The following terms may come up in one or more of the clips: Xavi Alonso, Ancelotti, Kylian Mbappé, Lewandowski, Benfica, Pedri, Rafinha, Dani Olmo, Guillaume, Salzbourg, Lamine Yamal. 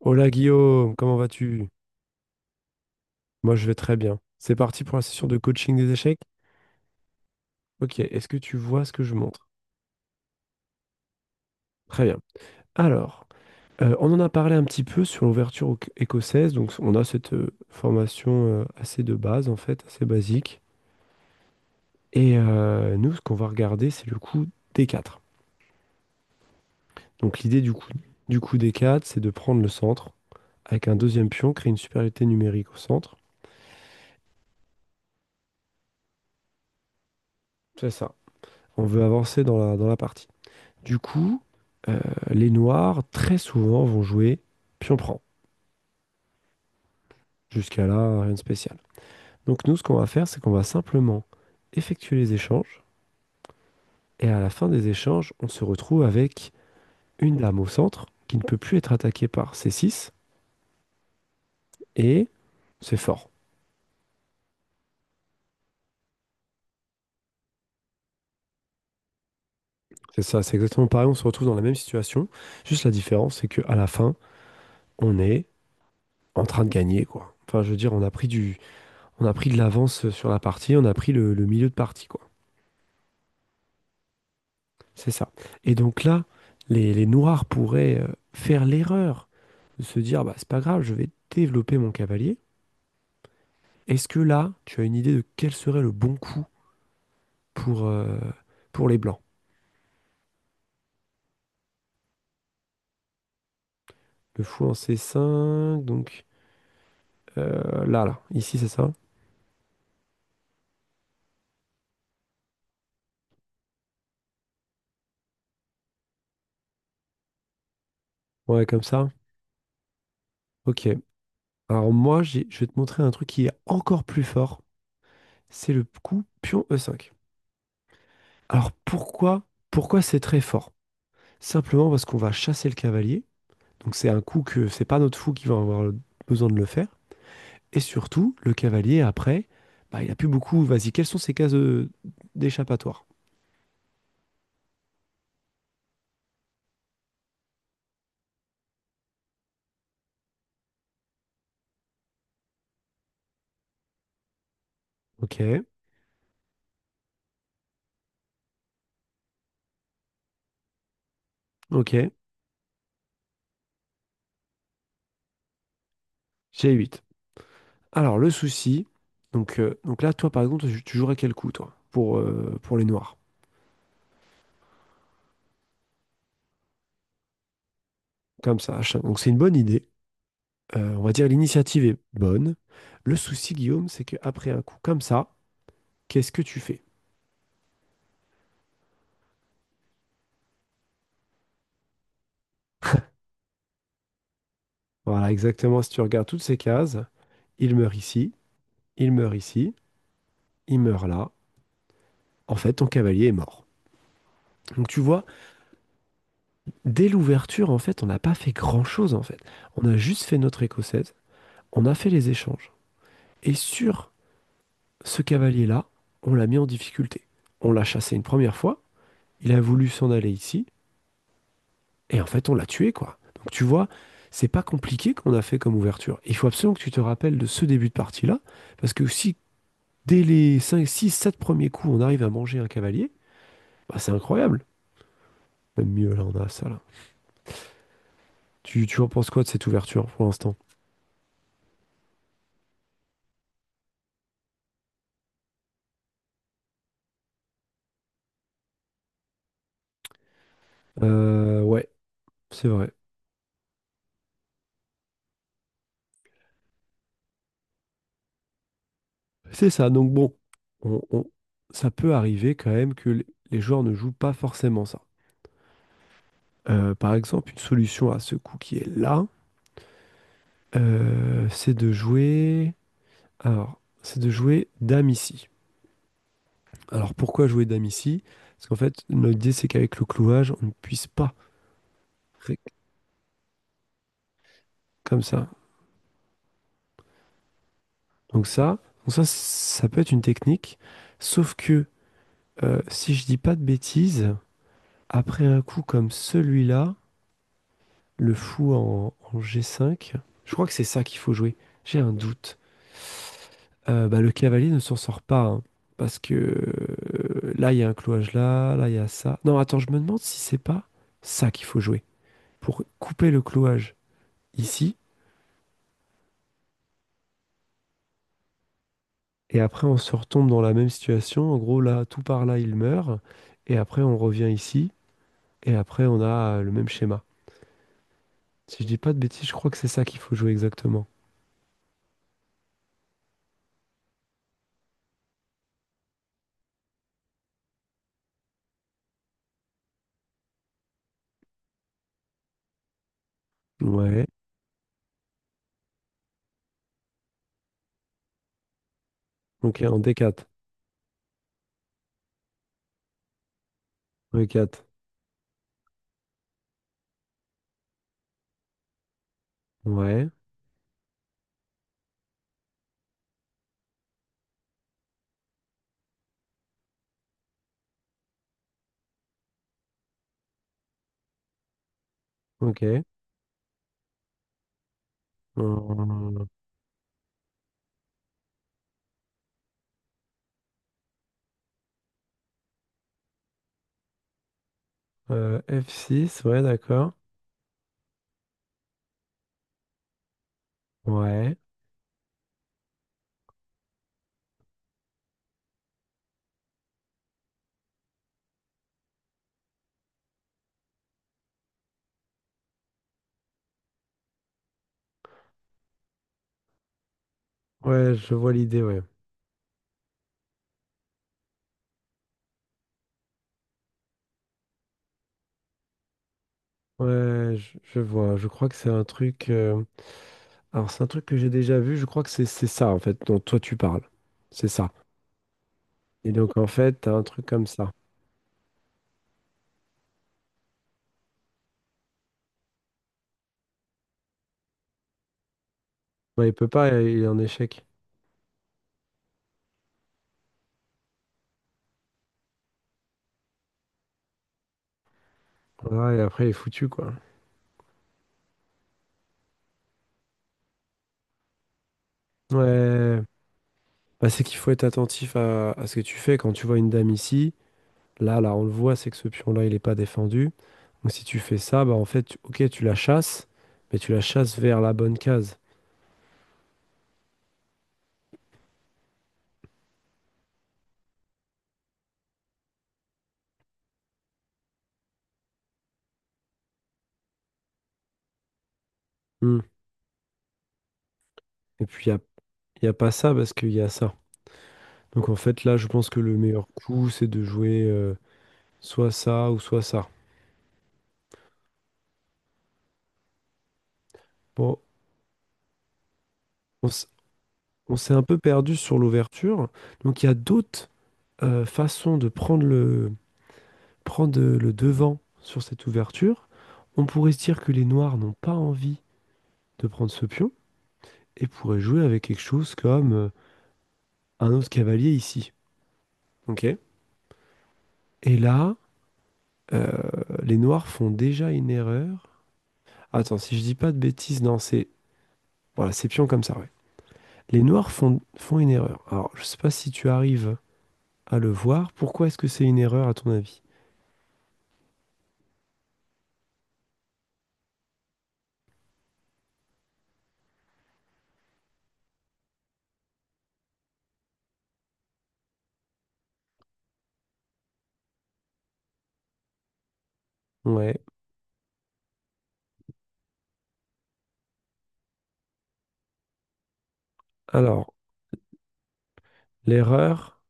Hola Guillaume, comment vas-tu? Moi je vais très bien. C'est parti pour la session de coaching des échecs. Ok, est-ce que tu vois ce que je montre? Très bien. Alors, on en a parlé un petit peu sur l'ouverture écossaise, donc on a cette formation assez de base en fait, assez basique. Et nous, ce qu'on va regarder, c'est le coup D4. Donc l'idée du coup D4, c'est de prendre le centre avec un deuxième pion, créer une supériorité numérique au centre. C'est ça. On veut avancer dans la partie. Du coup, euh, les noirs, très souvent, vont jouer pion prend. Jusqu'à là, rien de spécial. Donc nous, ce qu'on va faire, c'est qu'on va simplement effectuer les échanges. Et à la fin des échanges, on se retrouve avec une dame au centre qui ne peut plus être attaquée par c six. Et c'est fort. C'est ça, c'est exactement pareil. On se retrouve dans la même situation. Juste la différence, c'est qu'à la fin, on est en train de gagner, quoi. Enfin, je veux dire, on a pris de l'avance sur la partie, on a pris le milieu de partie, quoi. C'est ça. Et donc là, les noirs pourraient faire l'erreur de se dire, bah, c'est pas grave, je vais développer mon cavalier. Est-ce que là, tu as une idée de quel serait le bon coup pour, euh, pour les blancs? Le fou en C5, donc ici, c'est ça? Ouais, comme ça. Ok. Alors moi, je vais te montrer un truc qui est encore plus fort. C'est le coup pion E5. Alors pourquoi c'est très fort? Simplement parce qu'on va chasser le cavalier. Donc c'est un coup que c'est pas notre fou qui va avoir besoin de le faire. Et surtout, le cavalier, après, bah, il a plus beaucoup. Vas-y, quelles sont ses cases d'échappatoire? Ok, ok, j'ai huit. Alors, le souci, donc là, toi, par exemple, tu jouerais quel coup, toi, pour les noirs? Comme ça, achat. Donc c'est une bonne idée. On va dire l'initiative est bonne. Le souci, Guillaume, c'est qu'après un coup comme ça, qu'est-ce que tu fais? Voilà, exactement, si tu regardes toutes ces cases, il meurt ici, il meurt ici, il meurt là, en fait, ton cavalier est mort. Donc tu vois, dès l'ouverture, en fait, on n'a pas fait grand-chose, en fait. On a juste fait notre écossaise, on a fait les échanges. Et sur ce cavalier-là, on l'a mis en difficulté. On l'a chassé une première fois, il a voulu s'en aller ici, et en fait, on l'a tué, quoi. Donc tu vois, c'est pas compliqué qu'on a fait comme ouverture. Il faut absolument que tu te rappelles de ce début de partie-là, parce que si dès les 5, 6, 7 premiers coups, on arrive à manger un cavalier, bah, c'est incroyable. Même mieux, là, on a ça, là. Tu en penses quoi de cette ouverture pour l'instant? Ouais, c'est vrai. C'est ça. Donc bon, on- on- ça peut arriver quand même que les joueurs ne jouent pas forcément ça. Par exemple, une solution à ce coup qui est là, c'est de jouer. Alors, c'est de jouer dame ici. Alors pourquoi jouer dame ici? Parce qu'en fait, l'idée c'est qu'avec le clouage, on ne puisse pas ré- comme ça. Donc ça, donc ça, ça peut être une technique. Sauf que si je dis pas de bêtises, après un coup comme celui-là. Le fou en G5. Je crois que c'est ça qu'il faut jouer. J'ai un doute. Bah, le cavalier ne s'en sort pas, hein, parce que là, il y a un clouage là, il y a ça. Non, attends, je me demande si c'est pas ça qu'il faut jouer. Pour couper le clouage ici. Et après, on se retombe dans la même situation. En gros, là, tout par là, il meurt. Et après, on revient ici. Et après, on a le même schéma. Si je dis pas de bêtises, je crois que c'est ça qu'il faut jouer exactement. Ouais. Donc, en D4. E4. Ouais. Ok. Hum, f six, ouais, d'accord. Ouais. Ouais, je vois l'idée, ouais. Ouais, je vois. Je crois que c'est un truc. Alors, c'est un truc que j'ai déjà vu. Je crois que c'est ça, en fait, dont toi tu parles. C'est ça. Et donc, en fait, t'as un truc comme ça. Ouais, il peut pas, il est en échec. Voilà, et après, il est foutu, quoi. Ouais. Bah, c'est qu'il faut être attentif à ce que tu fais. Quand tu vois une dame ici, là, on le voit, c'est que ce pion-là, il n'est pas défendu. Donc si tu fais ça, bah en fait, ok, tu la chasses, mais tu la chasses vers la bonne case. Hmm. Et puis, y a pas ça parce qu'il y a ça. Donc en fait, là, je pense que le meilleur coup, c'est de jouer soit ça ou soit ça. Bon, on, s- on s'est un peu perdu sur l'ouverture. Donc il y a d'autres façons de prendre prendre le devant sur cette ouverture. On pourrait se dire que les noirs n'ont pas envie de prendre ce pion et pourraient jouer avec quelque chose comme un autre cavalier ici. Ok. Et là, euh, les noirs font déjà une erreur. Attends, si je dis pas de bêtises, non, c'est voilà, c'est pion comme ça, ouais. Les noirs font une erreur. Alors, je sais pas si tu arrives à le voir. Pourquoi est-ce que c'est une erreur à ton avis? Ouais. Alors, l'erreur.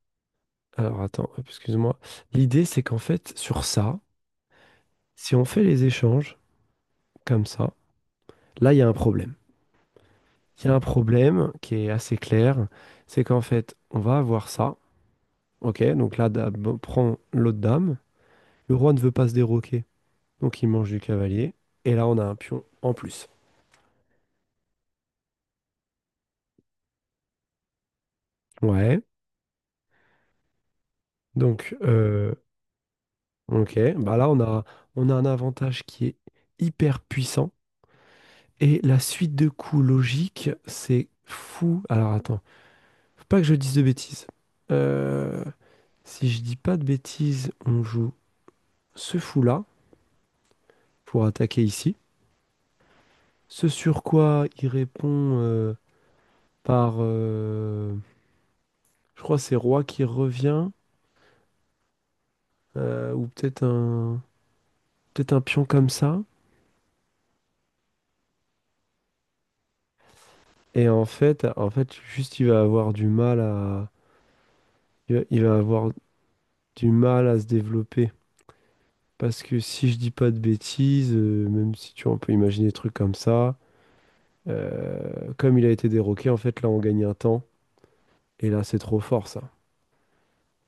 Alors, attends, hop, excuse-moi. L'idée, c'est qu'en fait, sur ça, si on fait les échanges comme ça, là, il y a un problème. Il y a un problème qui est assez clair. C'est qu'en fait, on va avoir ça. Ok, donc la dame prend l'autre dame. Le roi ne veut pas se déroquer, donc il mange du cavalier. Et là, on a un pion en plus. Ouais. Donc, ok. Bah là, on a un avantage qui est hyper puissant. Et la suite de coups logique, c'est fou. Alors, attends. Faut pas que je dise de bêtises. Euh, si je dis pas de bêtises, on joue ce fou-là pour attaquer ici. Ce sur quoi il répond par. Je crois que c'est roi qui revient, ou peut-être un pion comme ça. Et en fait, juste il va avoir du mal à, il va avoir du mal à se développer. Parce que si je dis pas de bêtises, même si tu vois, on peut imaginer des trucs comme ça, comme il a été déroqué, en fait, là, on gagne un temps. Et là, c'est trop fort, ça.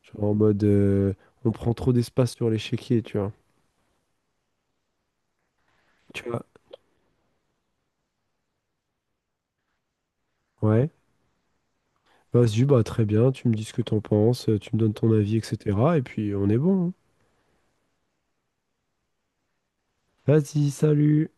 Tu vois, en mode, on prend trop d'espace sur l'échiquier, tu vois. Tu vois, ouais. Vas-y, bah très bien, tu me dis ce que t'en penses, tu me donnes ton avis, etc. Et puis on est bon, hein. Vas-y, salut.